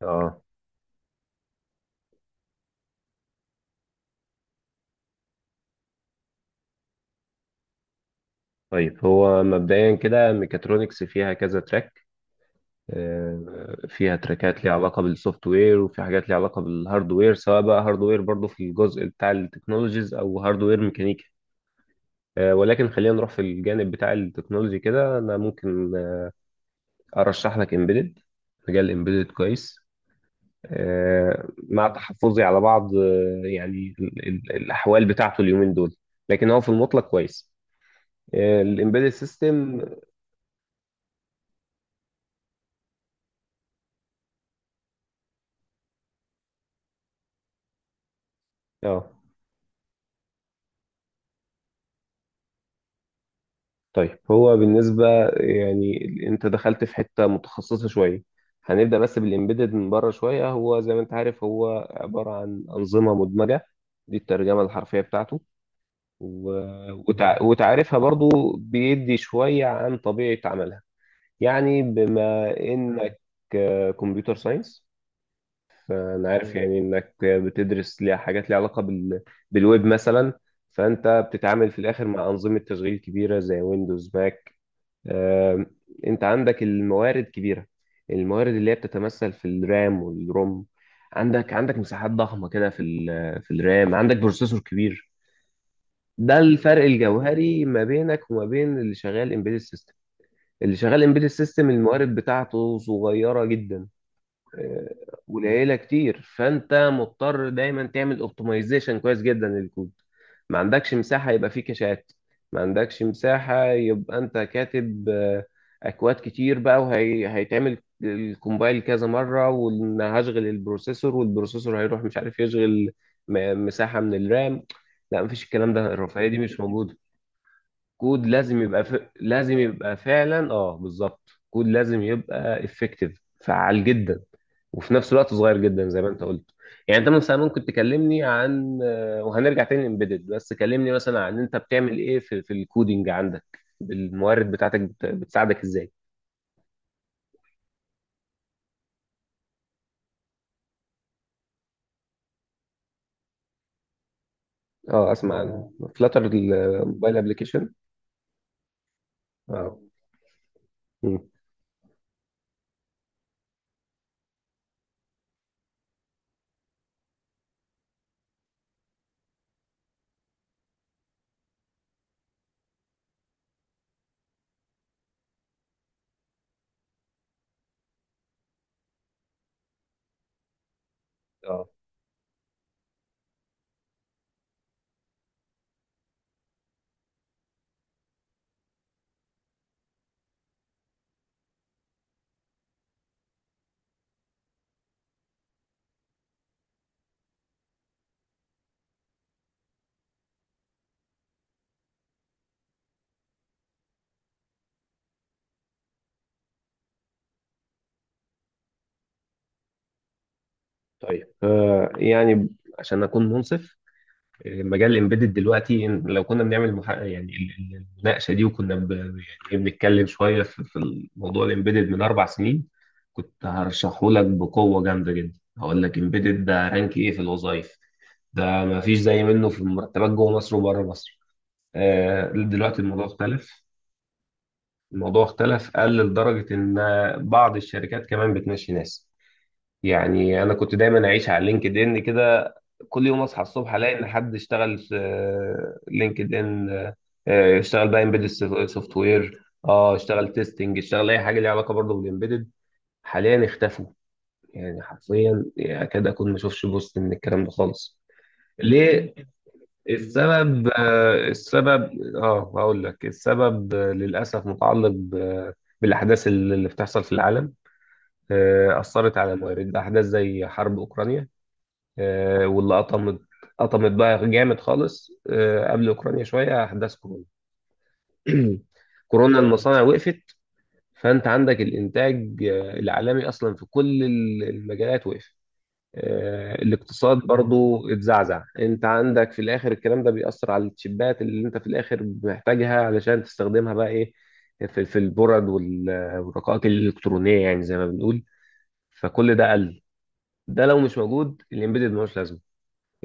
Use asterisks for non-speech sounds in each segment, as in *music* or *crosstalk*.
اه، طيب هو مبدئيا كده ميكاترونكس فيها كذا تراك. فيها تراكات ليها علاقة بالسوفت وير، وفي حاجات ليها علاقة بالهاردوير، سواء بقى هاردوير برضو في الجزء بتاع التكنولوجيز او هاردوير ميكانيكي. ولكن خلينا نروح في الجانب بتاع التكنولوجي كده، انا ممكن ارشح لك امبيدد. مجال امبيدد كويس، مع تحفظي على بعض، يعني الاحوال بتاعته اليومين دول. لكن هو في المطلق كويس، الامبيدد سيستم. اه، طيب هو بالنسبة يعني، انت دخلت في حتة متخصصة شوية. هنبدأ بس بالإمبيدد من بره شوية. هو زي ما انت عارف، هو عبارة عن أنظمة مدمجة. دي الترجمة الحرفية بتاعته، و... وتعريفها برضو بيدي شوية عن طبيعة عملها. يعني بما إنك كمبيوتر ساينس، أنا عارف يعني إنك بتدرس ليها حاجات ليها علاقة بالويب مثلا. فأنت بتتعامل في الآخر مع أنظمة تشغيل كبيرة زي ويندوز ماك. آه، انت عندك الموارد كبيره، الموارد اللي هي بتتمثل في الرام والروم. عندك مساحات ضخمه كده في في الرام، عندك بروسيسور كبير. ده الفرق الجوهري ما بينك وما بين اللي شغال امبيدد سيستم. اللي شغال امبيدد سيستم الموارد بتاعته صغيره جدا، قليله كتير. فانت مضطر دايما تعمل اوبتمايزيشن كويس جدا للكود. ما عندكش مساحه يبقى فيه كاشات، ما عندكش مساحه يبقى انت كاتب اكواد كتير بقى وهيتعمل الكومبايل كذا مره، وان هشغل البروسيسور، والبروسيسور هيروح مش عارف يشغل مساحه من الرام. لا، مفيش، الكلام ده الرفاهيه دي مش موجوده. كود لازم يبقى لازم يبقى فعلا، اه بالظبط، كود لازم يبقى افكتيف، فعال جدا، وفي نفس الوقت صغير جدا زي ما انت قلت. يعني انت مثلا ممكن تكلمني عن، وهنرجع تاني امبيدد، بس كلمني مثلا عن انت بتعمل ايه في الكودينج، عندك الموارد بتاعتك بتساعدك ازاي؟ اه، اسمع عن فلاتر الموبايل ابلكيشن. اه. مم. اه، طيب. يعني، عشان اكون منصف، مجال الامبيدد دلوقتي، إن لو كنا بنعمل يعني المناقشه دي، وكنا يعني إيه، بنتكلم شويه في موضوع الامبيدد من اربع سنين، كنت هرشحه لك بقوه جامده جدا. هقول لك امبيدد ده رانك ايه في الوظائف، ده ما فيش زي منه في المرتبات جوه مصر وبره مصر. دلوقتي الموضوع اختلف. الموضوع اختلف، قل لدرجه ان بعض الشركات كمان بتمشي ناس. يعني انا كنت دايما اعيش على لينكد ان كده، كل يوم اصحى الصبح الاقي ان حد اشتغل في لينكد ان، اشتغل بقى امبيدد سوفت وير، اه اشتغل تيستنج، اشتغل اي حاجه ليها علاقه برضه بالامبيدد. حاليا اختفوا. يعني حرفيا اكاد اكون ما اشوفش بوست من الكلام ده خالص. ليه؟ السبب، السبب، اه هقول لك السبب، للاسف متعلق بالاحداث اللي بتحصل في العالم. اثرت على موارد، احداث زي حرب اوكرانيا، واللي قطمت، قطمت بقى جامد خالص. قبل اوكرانيا شويه، احداث كورونا. *clears throat* كورونا المصانع وقفت، فانت عندك الانتاج العالمي اصلا في كل المجالات وقف. الاقتصاد برضو اتزعزع. انت عندك في الاخر الكلام ده بيأثر على التشيبات اللي انت في الاخر محتاجها علشان تستخدمها بقى ايه، في البرد والرقائق الالكترونيه يعني زي ما بنقول. فكل ده قل. ده لو مش موجود، الامبيدد ملوش لازمه،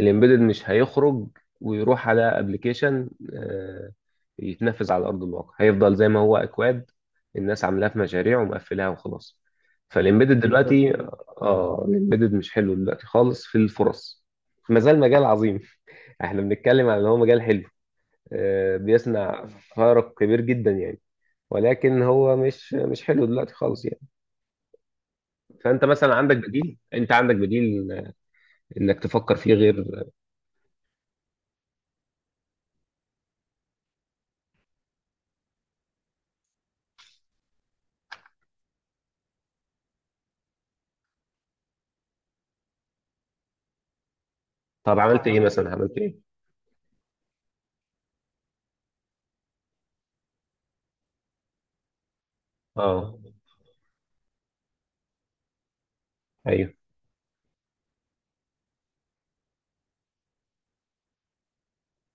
الامبيدد مش هيخرج ويروح على ابلكيشن، يتنفذ على ارض الواقع. هيفضل زي ما هو اكواد، الناس عاملاه في مشاريع ومقفلاها وخلاص. فالامبيدد بالظبط دلوقتي كده. اه، الامبيدد مش حلو دلوقتي خالص في الفرص. ما زال مجال عظيم. *laughs* احنا بنتكلم عن ان هو مجال حلو، بيصنع فارق كبير جدا يعني، ولكن هو مش حلو دلوقتي خالص يعني. فانت مثلا عندك بديل، انت عندك بديل انك تفكر فيه غير. طب عملت ايه مثلا، عملت ايه؟ اه. ايوه.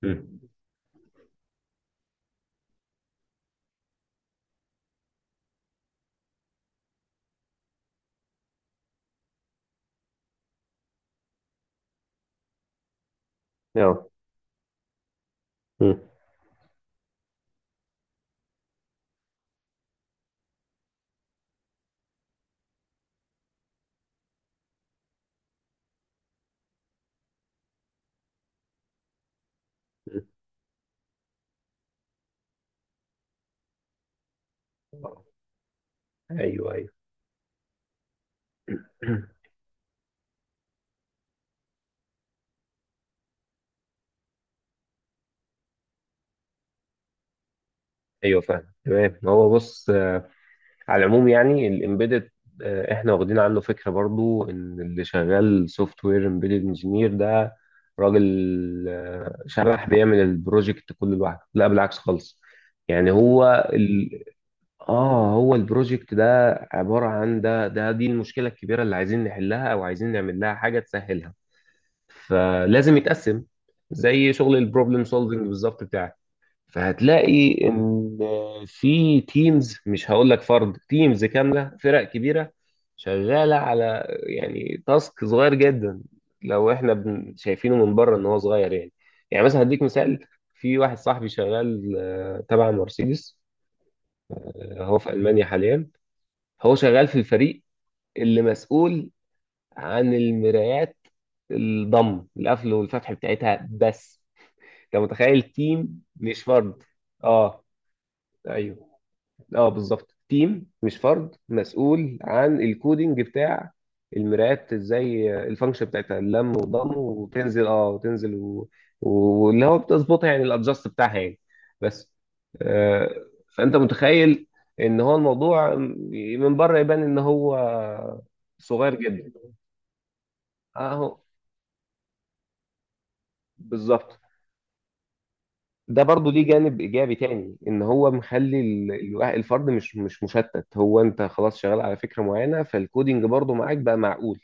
مم. اه. مم. مم. ايوه، ايوه. *clears throat* ايوه، فاهم تمام. هو بص، على العموم يعني الامبيدد، احنا واخدين عنه فكره برضو ان اللي شغال سوفت وير امبيدد انجينير ده راجل شبح بيعمل البروجكت كله لوحده، لا بالعكس خالص. يعني هو اه، هو البروجكت ده عباره عن، ده دي المشكله الكبيره اللي عايزين نحلها او عايزين نعمل لها حاجه تسهلها، فلازم يتقسم زي شغل البروبلم سولفنج بالظبط بتاعك. فهتلاقي ان في تيمز، مش هقول لك فرد، تيمز كامله، فرق كبيره شغاله على يعني تاسك صغير جدا، لو احنا شايفينه من بره ان هو صغير يعني. يعني مثلا هديك مثال، في واحد صاحبي شغال تبع مرسيدس، هو في المانيا حاليا. هو شغال في الفريق اللي مسؤول عن المرايات، الضم القفل والفتح بتاعتها بس. انت متخيل، تيم مش فرد. اه ايوه، اه بالظبط، تيم مش فرد، مسؤول عن الكودينج بتاع المرايات، ازاي الفانكشن بتاعتها، اللم وضم وتنزل اه وتنزل و- واللي هو بتظبطها، يعني الادجست بتاعها يعني، بس آه. فانت متخيل ان هو الموضوع من بره يبان ان هو صغير جدا. اهو، بالظبط. ده برضو ليه جانب ايجابي تاني، ان هو مخلي الفرد مش مشتت، هو انت خلاص شغال على فكره معينه، فالكودينج برضو معاك بقى معقول.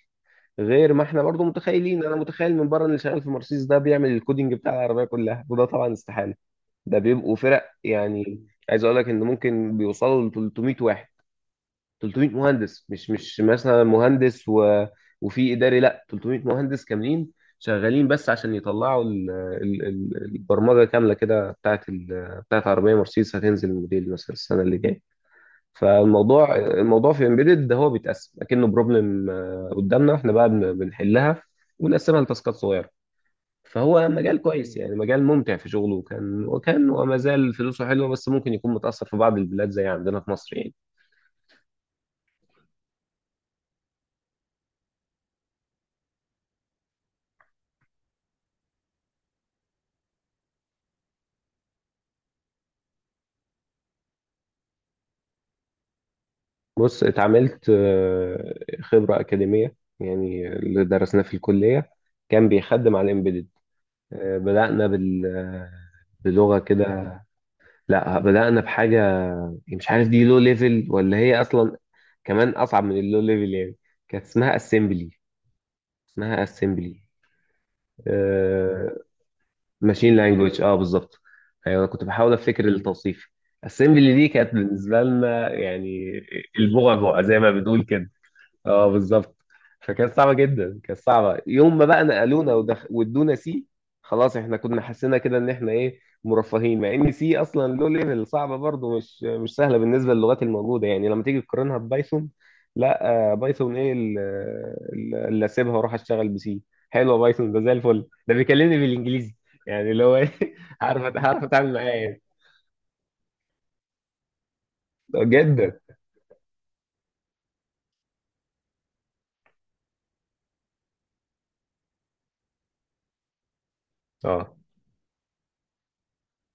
غير ما احنا برضو متخيلين، انا متخيل من بره ان اللي شغال في مرسيدس ده بيعمل الكودينج بتاع العربيه كلها، وده طبعا استحاله. ده بيبقوا فرق، يعني عايز اقول لك ان ممكن بيوصلوا ل 300 واحد، 300 مهندس، مش مثلا مهندس وفي اداري، لا 300 مهندس كاملين شغالين، بس عشان يطلعوا البرمجه كامله كده بتاعت بتاعت عربيه مرسيدس، هتنزل الموديل مثلا السنه اللي جايه. فالموضوع، في امبيدد ده هو بيتقسم اكنه بروبلم قدامنا احنا بقى، بنحلها ونقسمها لتاسكات صغيره. فهو مجال كويس يعني، مجال ممتع في شغله، وكان وما زال فلوسه حلوه، بس ممكن يكون متاثر في بعض البلاد زي عندنا في مصر يعني. بص، اتعاملت، خبرة أكاديمية يعني، اللي درسناه في الكلية كان بيخدم على الإمبيدد. بدأنا بال، بلغة كده. لا، بدأنا بحاجة يعني مش عارف، دي لو ليفل ولا هي أصلا كمان أصعب من اللو ليفل يعني. كانت اسمها أسمبلي. اسمها أسمبلي. ماشين لانجوج، اه بالظبط. أيوة، أنا كنت بحاول أفتكر التوصيف. أسمبلي دي كانت بالنسبة لنا يعني البعبع زي ما بنقول كده. اه بالظبط. فكانت صعبه جدا، كانت صعبه. يوم ما بقى نقلونا وادونا سي، خلاص احنا كنا حسينا كده ان احنا ايه مرفهين، مع ان سي اصلا له ليفل صعبه برضه، مش سهله بالنسبه للغات الموجوده يعني، لما تيجي تقارنها ببايثون. لا، بايثون، ايه اللي اسيبها واروح اشتغل بسي؟ حلوه بايثون، ده زي الفل، ده بيكلمني بالانجليزي، يعني اللي هو ايه، *laughs* عارف عارف اتعامل معاه يعني. جدا. اه.